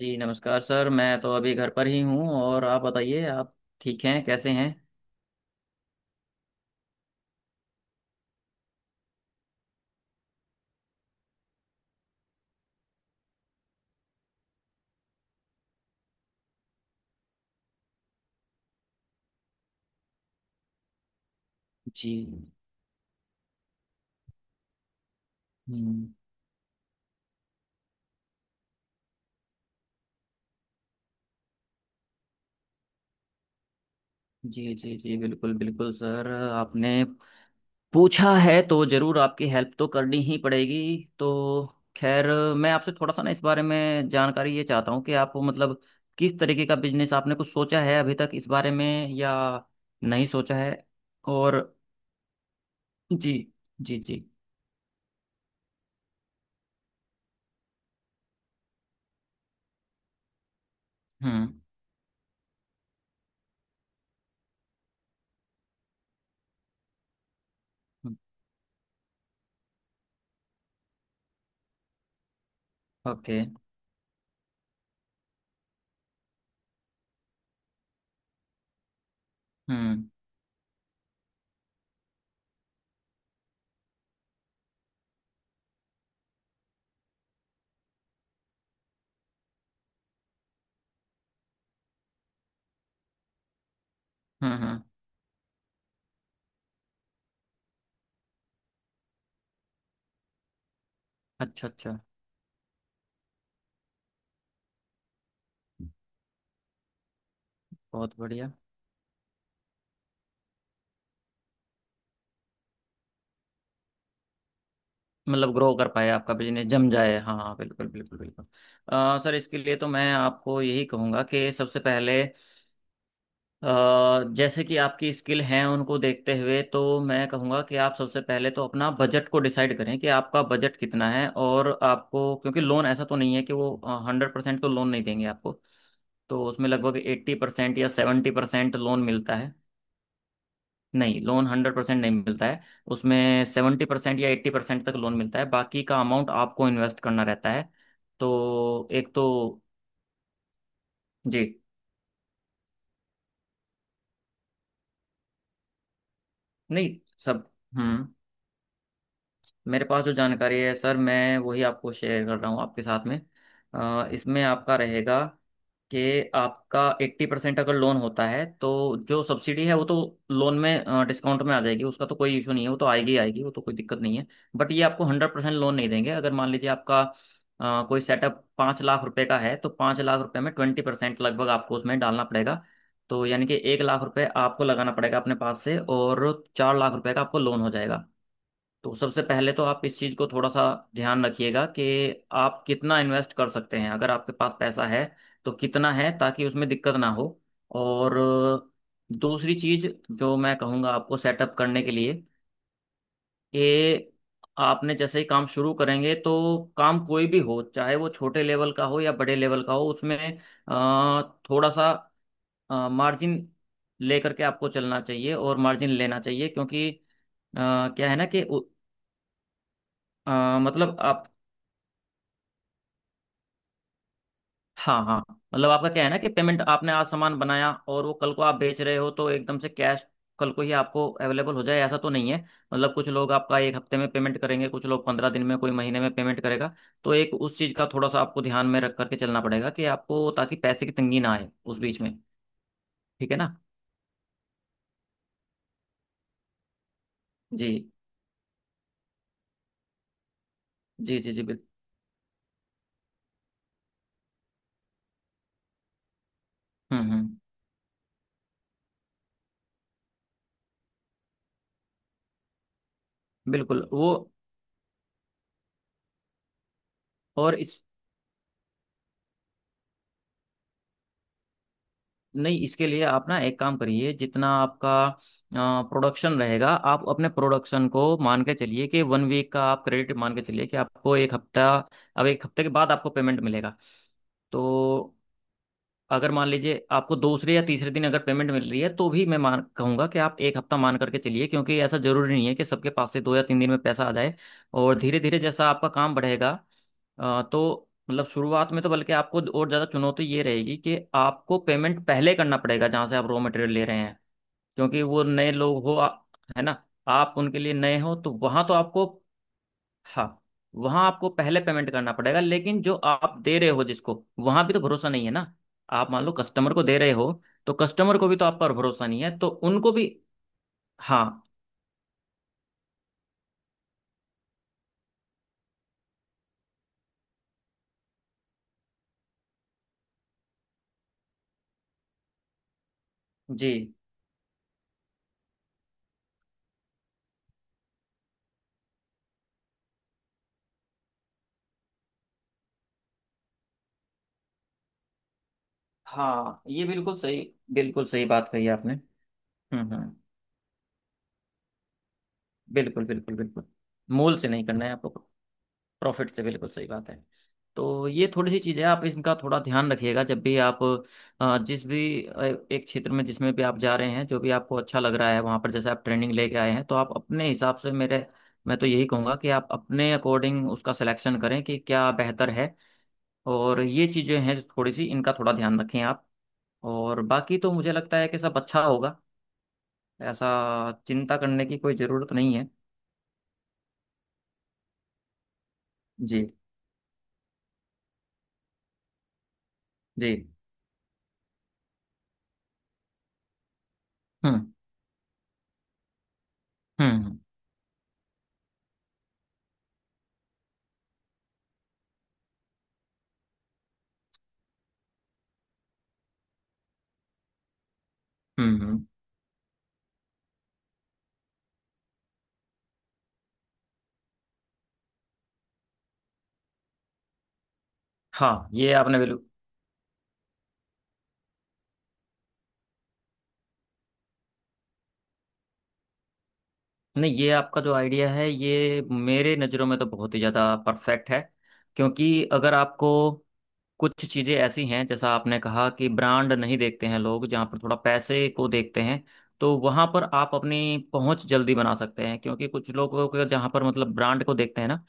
जी नमस्कार सर। मैं तो अभी घर पर ही हूँ। और आप बताइए, आप ठीक हैं? कैसे हैं? जी। हम्म। जी जी जी, बिल्कुल बिल्कुल सर। आपने पूछा है तो ज़रूर आपकी हेल्प तो करनी ही पड़ेगी। तो खैर, मैं आपसे थोड़ा सा ना इस बारे में जानकारी ये चाहता हूँ कि आप मतलब किस तरीके का बिजनेस आपने कुछ सोचा है अभी तक इस बारे में, या नहीं सोचा है। और। जी जी जी। हम्म। ओके, हम्म, okay, हम्म हम्म, अच्छा अच्छा, बहुत बढ़िया। मतलब ग्रो कर पाए, आपका बिजनेस जम जाए। हाँ हाँ, बिल्कुल बिल्कुल बिल्कुल। सर इसके लिए तो मैं आपको यही कहूँगा कि सबसे पहले अ, जैसे कि आपकी स्किल हैं उनको देखते हुए, तो मैं कहूँगा कि आप सबसे पहले तो अपना बजट को डिसाइड करें कि आपका बजट कितना है। और आपको, क्योंकि लोन ऐसा तो नहीं है कि वो 100% तो लोन नहीं देंगे आपको। तो उसमें लगभग 80% या 70% लोन मिलता है। नहीं, लोन 100% नहीं मिलता है। उसमें 70% या 80% तक लोन मिलता है। बाकी का अमाउंट आपको इन्वेस्ट करना रहता है। तो एक तो, जी। नहीं। सब। हम्म। मेरे पास जो जानकारी है सर, मैं वही आपको शेयर कर रहा हूँ आपके साथ में। इसमें आपका रहेगा कि आपका 80% अगर लोन होता है, तो जो सब्सिडी है वो तो लोन में डिस्काउंट में आ जाएगी। उसका तो कोई इशू नहीं है, वो तो आएगी ही आएगी, वो तो कोई दिक्कत नहीं है। बट ये आपको 100% लोन नहीं देंगे। अगर मान लीजिए आपका कोई सेटअप 5 लाख रुपए का है, तो 5 लाख रुपए में 20% लगभग आपको उसमें डालना पड़ेगा। तो यानी कि 1 लाख रुपए आपको लगाना पड़ेगा अपने पास से, और 4 लाख रुपए का आपको लोन हो जाएगा। तो सबसे पहले तो आप इस चीज़ को थोड़ा सा ध्यान रखिएगा कि आप कितना इन्वेस्ट कर सकते हैं। अगर आपके पास पैसा है तो कितना है, ताकि उसमें दिक्कत ना हो। और दूसरी चीज़ जो मैं कहूँगा आपको सेटअप करने के लिए, कि आपने जैसे ही काम शुरू करेंगे, तो काम कोई भी हो, चाहे वो छोटे लेवल का हो या बड़े लेवल का हो, उसमें अ, थोड़ा सा मार्जिन लेकर के आपको चलना चाहिए और मार्जिन लेना चाहिए। क्योंकि अ, क्या है ना कि मतलब आप, हाँ हाँ, मतलब आपका क्या है ना कि पेमेंट, आपने आज सामान बनाया और वो कल को आप बेच रहे हो तो एकदम से कैश कल को ही आपको अवेलेबल हो जाए, ऐसा तो नहीं है। मतलब कुछ लोग आपका एक हफ्ते में पेमेंट करेंगे, कुछ लोग 15 दिन में, कोई महीने में पेमेंट करेगा। तो एक उस चीज़ का थोड़ा सा आपको ध्यान में रख करके चलना पड़ेगा कि आपको, ताकि पैसे की तंगी ना आए उस बीच में। ठीक है ना? जी जी जी जी, बिल्कुल। हम्म, बिल्कुल वो। और इस, नहीं, इसके लिए आप ना एक काम करिए। जितना आपका प्रोडक्शन रहेगा, आप अपने प्रोडक्शन को मान के चलिए कि वन वीक का आप क्रेडिट, मान के चलिए कि आपको एक हफ्ता, अब एक हफ्ते के बाद आपको पेमेंट मिलेगा। तो अगर मान लीजिए आपको दूसरे या तीसरे दिन अगर पेमेंट मिल रही है, तो भी मैं मान कहूंगा कि आप एक हफ्ता मान करके चलिए। क्योंकि ऐसा जरूरी नहीं है कि सबके पास से 2 या 3 दिन में पैसा आ जाए। और धीरे धीरे जैसा आपका काम बढ़ेगा, तो मतलब शुरुआत में तो बल्कि आपको और ज़्यादा चुनौती ये रहेगी कि आपको पेमेंट पहले करना पड़ेगा जहाँ से आप रॉ मटेरियल ले रहे हैं। क्योंकि वो नए लोग हो, है ना, आप उनके लिए नए हो तो वहाँ तो आपको, हाँ, वहां आपको पहले पेमेंट करना पड़ेगा। लेकिन जो आप दे रहे हो जिसको, वहां भी तो भरोसा नहीं है ना। आप मान लो कस्टमर को दे रहे हो, तो कस्टमर को भी तो आप पर भरोसा नहीं है, तो उनको भी। हाँ जी, हाँ ये बिल्कुल सही। बिल्कुल सही बात कही आपने। हम्म, बिल्कुल बिल्कुल बिल्कुल। मोल से नहीं करना है आपको, प्रॉफिट से। बिल्कुल सही बात है। तो ये थोड़ी सी चीज़ें आप इनका थोड़ा ध्यान रखिएगा जब भी आप, जिस भी एक क्षेत्र में जिसमें भी आप जा रहे हैं, जो भी आपको अच्छा लग रहा है, वहाँ पर जैसे आप ट्रेनिंग लेके आए हैं, तो आप अपने हिसाब से, मेरे मैं तो यही कहूँगा कि आप अपने अकॉर्डिंग उसका सिलेक्शन करें कि क्या बेहतर है। और ये चीज़ें हैं थोड़ी सी, इनका थोड़ा ध्यान रखें आप। और बाकी तो मुझे लगता है कि सब अच्छा होगा। ऐसा चिंता करने की कोई ज़रूरत नहीं है। जी जी, हम्म हम्म, हम्म। हाँ ये आपने बिल्कुल। नहीं, ये आपका जो आइडिया है, ये मेरे नज़रों में तो बहुत ही ज़्यादा परफेक्ट है। क्योंकि अगर आपको, कुछ चीज़ें ऐसी हैं जैसा आपने कहा कि ब्रांड नहीं देखते हैं लोग, जहाँ पर थोड़ा पैसे को देखते हैं, तो वहाँ पर आप अपनी पहुँच जल्दी बना सकते हैं। क्योंकि कुछ लोगों को जहाँ पर मतलब ब्रांड को देखते हैं ना,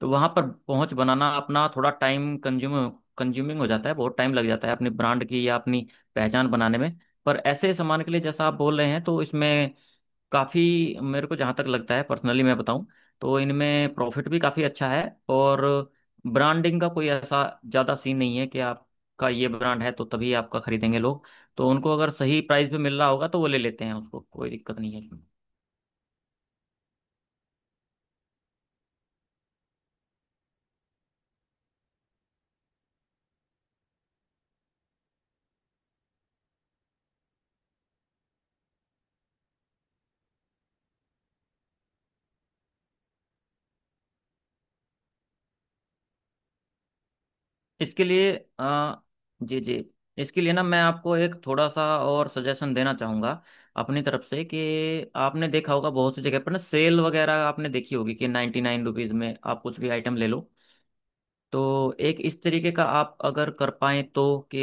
तो वहाँ पर पहुँच बनाना अपना थोड़ा टाइम कंज्यूमिंग हो जाता है। बहुत टाइम लग जाता है अपनी ब्रांड की या अपनी पहचान बनाने में। पर ऐसे सामान के लिए जैसा आप बोल रहे हैं, तो इसमें काफ़ी, मेरे को जहाँ तक लगता है, पर्सनली मैं बताऊँ, तो इनमें प्रॉफिट भी काफ़ी अच्छा है। और ब्रांडिंग का कोई ऐसा ज़्यादा सीन नहीं है कि आपका ये ब्रांड है तो तभी आपका खरीदेंगे लोग। तो उनको अगर सही प्राइस पे मिल रहा होगा तो वो ले लेते हैं उसको, कोई दिक्कत नहीं है इसमें। इसके लिए अ, जी जी, इसके लिए ना मैं आपको एक थोड़ा सा और सजेशन देना चाहूँगा अपनी तरफ से, कि आपने देखा होगा बहुत सी जगह पर ना, सेल वगैरह आपने देखी होगी कि 99 रुपीज़ में आप कुछ भी आइटम ले लो। तो एक इस तरीके का आप अगर कर पाए तो, कि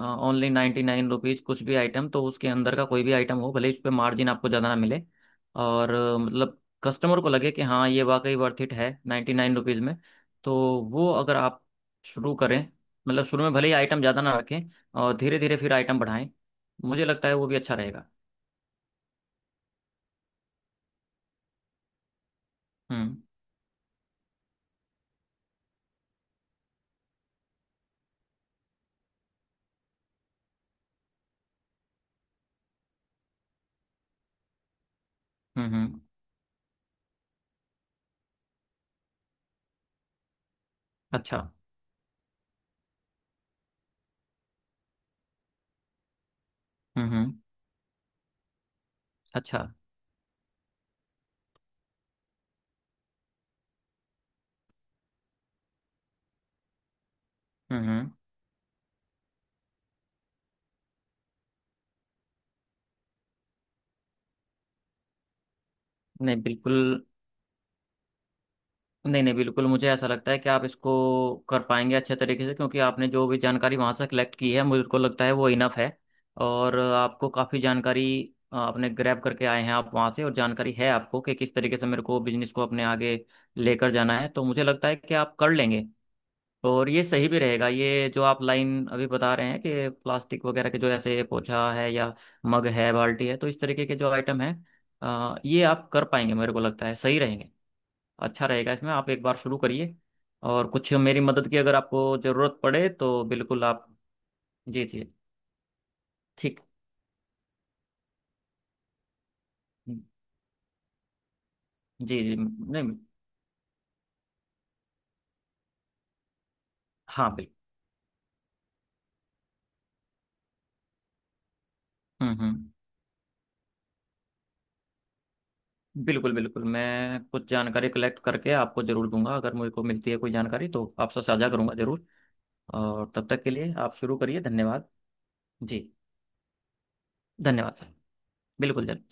ओनली 99 रुपीज, कुछ भी आइटम, तो उसके अंदर का कोई भी आइटम हो, भले इस पे मार्जिन आपको ज़्यादा ना मिले। और मतलब कस्टमर को लगे कि हाँ, ये वाकई वर्थ इट है 99 रुपीज़ में। तो वो अगर आप शुरू करें, मतलब शुरू में भले ही आइटम ज़्यादा ना रखें, और धीरे धीरे फिर आइटम बढ़ाएं, मुझे लगता है वो भी अच्छा रहेगा। हम्म हम्म, हम्म, अच्छा। हम्म, अच्छा। हम्म। नहीं, बिल्कुल। नहीं नहीं, बिल्कुल, मुझे ऐसा लगता है कि आप इसको कर पाएंगे अच्छे तरीके से। क्योंकि आपने जो भी जानकारी वहाँ से कलेक्ट की है, मुझको लगता है वो इनफ है। और आपको काफ़ी जानकारी आपने ग्रैब करके आए हैं आप वहाँ से, और जानकारी है आपको कि किस तरीके से मेरे को बिजनेस को अपने आगे लेकर जाना है, तो मुझे लगता है कि आप कर लेंगे। और ये सही भी रहेगा, ये जो आप लाइन अभी बता रहे हैं कि प्लास्टिक वगैरह के, जो ऐसे पोछा है, या मग है, बाल्टी है, तो इस तरीके के जो आइटम है, ये आप कर पाएंगे मेरे को लगता है, सही रहेंगे, अच्छा रहेगा। इसमें आप एक बार शुरू करिए। और कुछ मेरी मदद की अगर आपको ज़रूरत पड़े तो बिल्कुल आप। जी जी, ठीक। जी जी नहीं, हाँ बिल्कुल। हम्म, बिल्कुल बिल्कुल, मैं कुछ जानकारी कलेक्ट करके आपको ज़रूर दूंगा, अगर मुझे को मिलती है कोई जानकारी तो आपसे साझा करूंगा ज़रूर। और तब तक के लिए आप शुरू करिए। धन्यवाद। जी। धन्यवाद सर। बिल्कुल सर।